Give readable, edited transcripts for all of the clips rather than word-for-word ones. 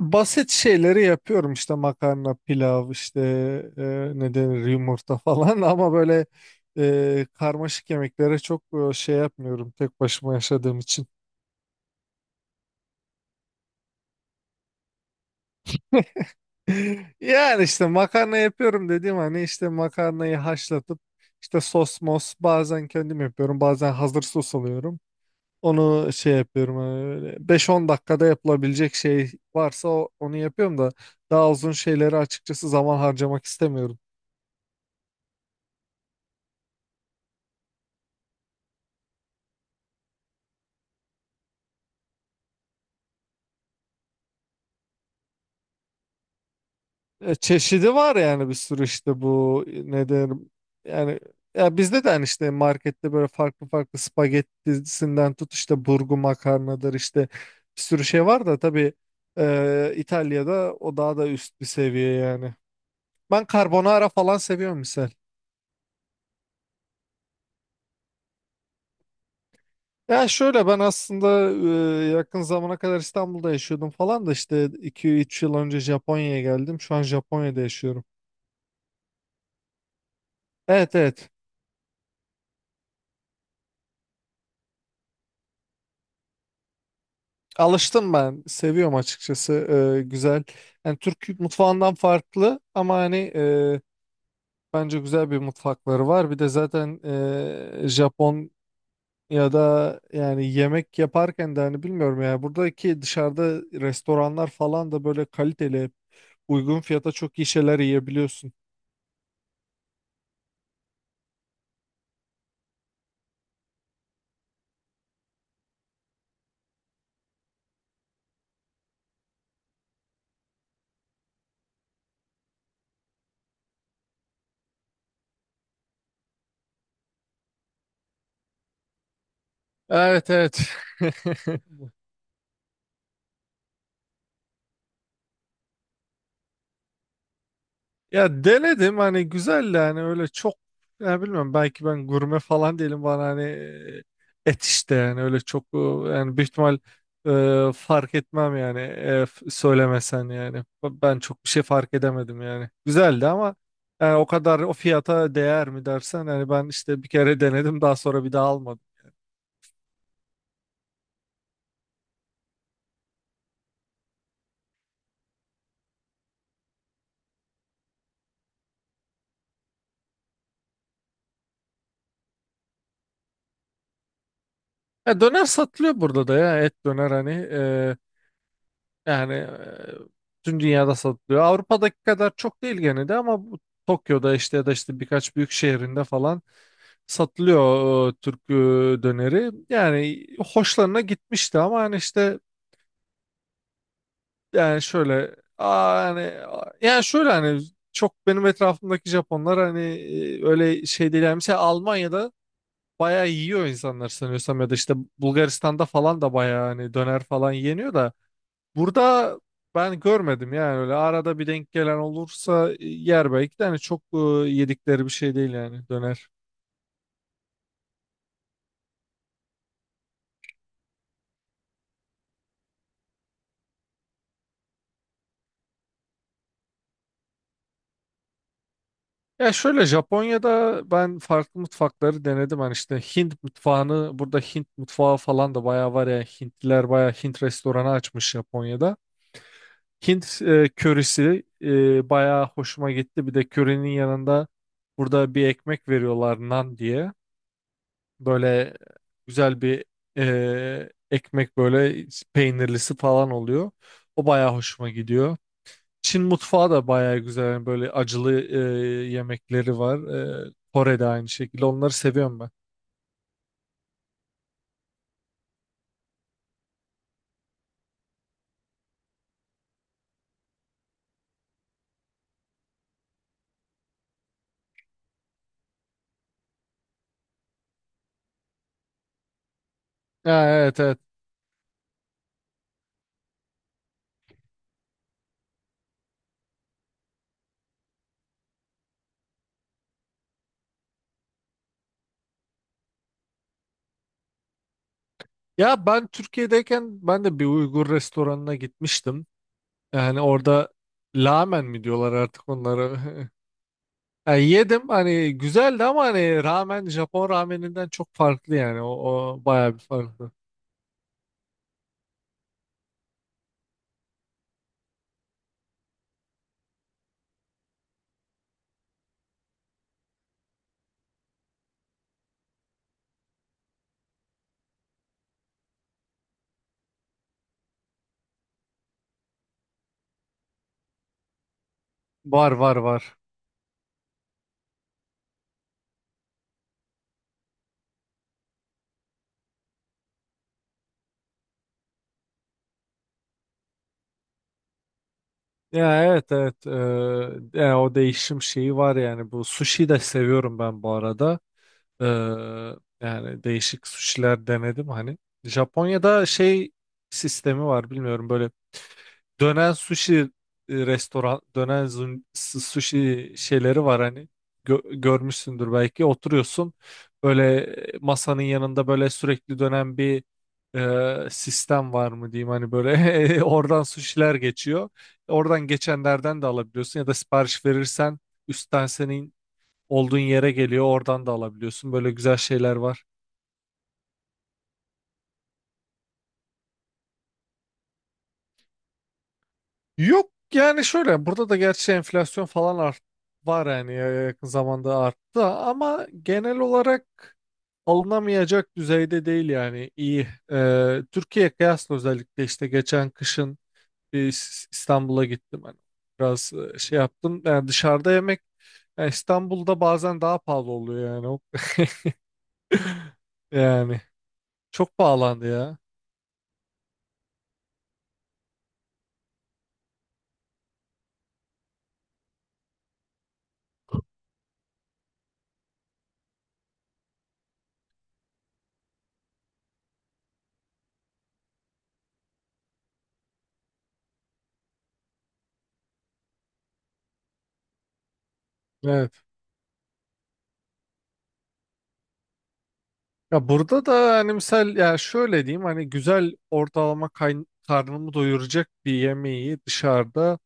Basit şeyleri yapıyorum işte makarna, pilav, işte ne denir yumurta falan ama böyle karmaşık yemeklere çok şey yapmıyorum tek başıma yaşadığım için. Yani işte makarna yapıyorum dediğim hani işte makarnayı haşlatıp işte sos mos bazen kendim yapıyorum bazen hazır sos alıyorum. Onu şey yapıyorum hani böyle 5-10 dakikada yapılabilecek şey varsa onu yapıyorum da daha uzun şeyleri açıkçası zaman harcamak istemiyorum. Çeşidi var yani bir sürü işte bu ne derim yani ya bizde de hani işte markette böyle farklı farklı spagettisinden tut işte burgu makarnadır işte bir sürü şey var da tabii İtalya'da o daha da üst bir seviye yani. Ben carbonara falan seviyorum misal. Ya şöyle ben aslında yakın zamana kadar İstanbul'da yaşıyordum falan da işte iki üç yıl önce Japonya'ya geldim. Şu an Japonya'da yaşıyorum. Evet, evet. Alıştım ben. Seviyorum açıkçası. Güzel. Yani Türk mutfağından farklı ama hani bence güzel bir mutfakları var. Bir de zaten Japon ya da yani yemek yaparken de hani bilmiyorum ya buradaki dışarıda restoranlar falan da böyle kaliteli uygun fiyata çok iyi şeyler yiyebiliyorsun. Evet, evet. Ya denedim hani güzeldi hani öyle çok ya bilmiyorum belki ben gurme falan değilim bana hani et işte yani öyle çok yani büyük ihtimal fark etmem yani söylemesen yani ben çok bir şey fark edemedim yani güzeldi ama yani o kadar o fiyata değer mi dersen hani ben işte bir kere denedim daha sonra bir daha almadım. Ya döner satılıyor burada da ya et döner hani yani tüm dünyada satılıyor. Avrupa'daki kadar çok değil gene de ama bu Tokyo'da işte ya da işte birkaç büyük şehrinde falan satılıyor Türk döneri. Yani hoşlarına gitmişti ama hani işte yani şöyle yani yani şöyle hani çok benim etrafımdaki Japonlar hani öyle şey değil. Yani mesela Almanya'da bayağı yiyor insanlar sanıyorsam ya da işte Bulgaristan'da falan da bayağı hani döner falan yeniyor da burada ben görmedim yani öyle arada bir denk gelen olursa yer belki de hani çok yedikleri bir şey değil yani döner. Ya şöyle Japonya'da ben farklı mutfakları denedim hani işte Hint mutfağını burada Hint mutfağı falan da bayağı var ya Hintliler bayağı Hint restoranı açmış Japonya'da. Hint körisi bayağı hoşuma gitti bir de körenin yanında burada bir ekmek veriyorlar nan diye. Böyle güzel bir ekmek böyle peynirlisi falan oluyor. O bayağı hoşuma gidiyor. Çin mutfağı da bayağı güzel. Yani böyle acılı yemekleri var. Kore'de aynı şekilde. Onları seviyorum ben. Ya, evet, evet. Ya ben Türkiye'deyken ben de bir Uygur restoranına gitmiştim. Yani orada ramen mi diyorlar artık onlara. Yani yedim hani güzeldi ama hani ramen Japon rameninden çok farklı yani. O, o bayağı bir farklı. Var, var, var. Ya evet, evet. Yani o değişim şeyi var yani bu sushi de seviyorum ben bu arada. Ee, Yani değişik sushiler denedim hani. Japonya'da şey sistemi var bilmiyorum böyle dönen sushi restoran, dönen sushi şeyleri var hani. Görmüşsündür belki. Oturuyorsun böyle masanın yanında böyle sürekli dönen bir sistem var mı diyeyim hani böyle oradan suşiler geçiyor. Oradan geçenlerden de alabiliyorsun ya da sipariş verirsen üstten senin olduğun yere geliyor oradan da alabiliyorsun. Böyle güzel şeyler var. Yok yani şöyle burada da gerçi enflasyon falan art var yani yakın zamanda arttı ama genel olarak alınamayacak düzeyde değil yani iyi. Türkiye kıyasla özellikle işte geçen kışın bir İstanbul'a gittim hani biraz şey yaptım yani dışarıda yemek yani İstanbul'da bazen daha pahalı oluyor yani O- yani çok pahalandı ya. Ya burada da hani misal ya şöyle diyeyim hani güzel ortalama karnımı doyuracak bir yemeği dışarıda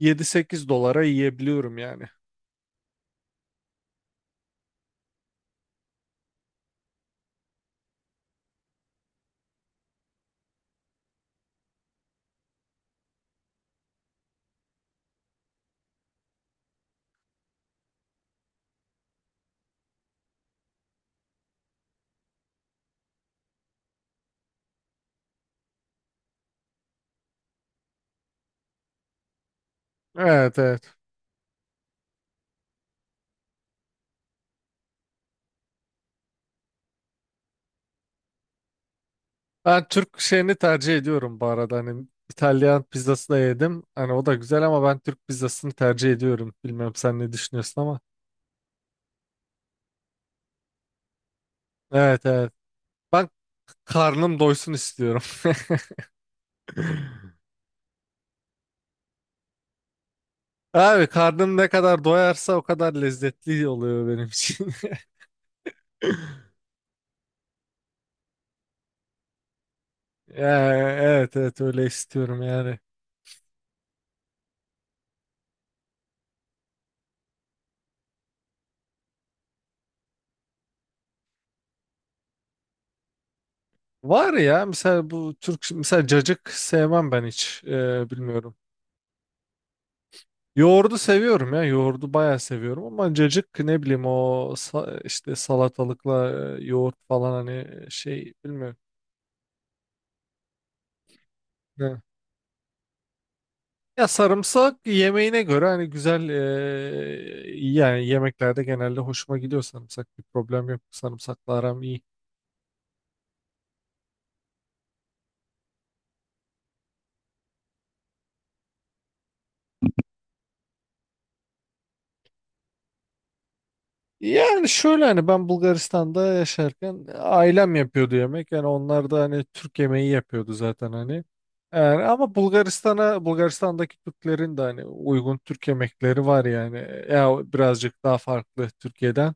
yedi sekiz dolara yiyebiliyorum yani. Evet, evet. Ben Türk şeyini tercih ediyorum bu arada hani İtalyan pizzası da yedim. Hani o da güzel ama ben Türk pizzasını tercih ediyorum. Bilmem sen ne düşünüyorsun ama. Evet, evet. Ben karnım doysun istiyorum. Abi karnım ne kadar doyarsa o kadar lezzetli oluyor benim için. Yani evet, evet öyle istiyorum yani. Var ya mesela bu Türk mesela cacık sevmem ben hiç bilmiyorum. Yoğurdu seviyorum ya yoğurdu bayağı seviyorum ama cacık ne bileyim işte salatalıkla yoğurt falan hani şey bilmiyorum. Ne? Ya sarımsak yemeğine göre hani güzel yani yemeklerde genelde hoşuma gidiyor sarımsak bir problem yok sarımsakla aram iyi. Yani şöyle hani ben Bulgaristan'da yaşarken ailem yapıyordu yemek. Yani onlar da hani Türk yemeği yapıyordu zaten hani. Yani ama Bulgaristan'daki Türklerin de hani uygun Türk yemekleri var yani. Ya birazcık daha farklı Türkiye'den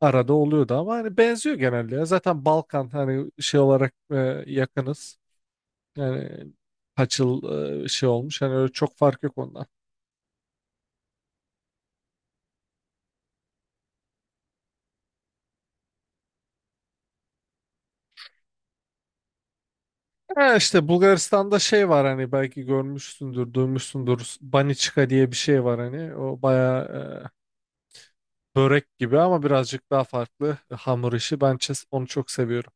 arada oluyordu ama hani benziyor genelde ya. Zaten Balkan hani şey olarak yakınız. Yani kaç yıl şey olmuş. Hani öyle çok fark yok ondan. Ha işte Bulgaristan'da şey var hani belki görmüşsündür, duymuşsundur. Baniçka diye bir şey var hani. O bayağı börek gibi ama birazcık daha farklı hamur işi. Ben onu çok seviyorum.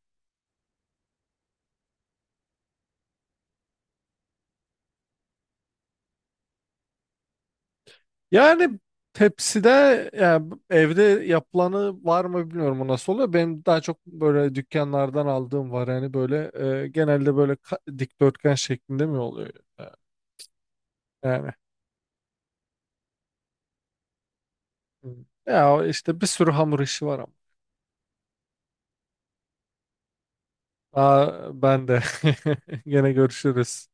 Yani tepside yani evde yapılanı var mı bilmiyorum o nasıl oluyor. Benim daha çok böyle dükkanlardan aldığım var yani böyle genelde böyle dikdörtgen şeklinde mi oluyor E, yani. Hmm. Ya o işte bir sürü hamur işi var ama. Aa, ben de. Gene görüşürüz.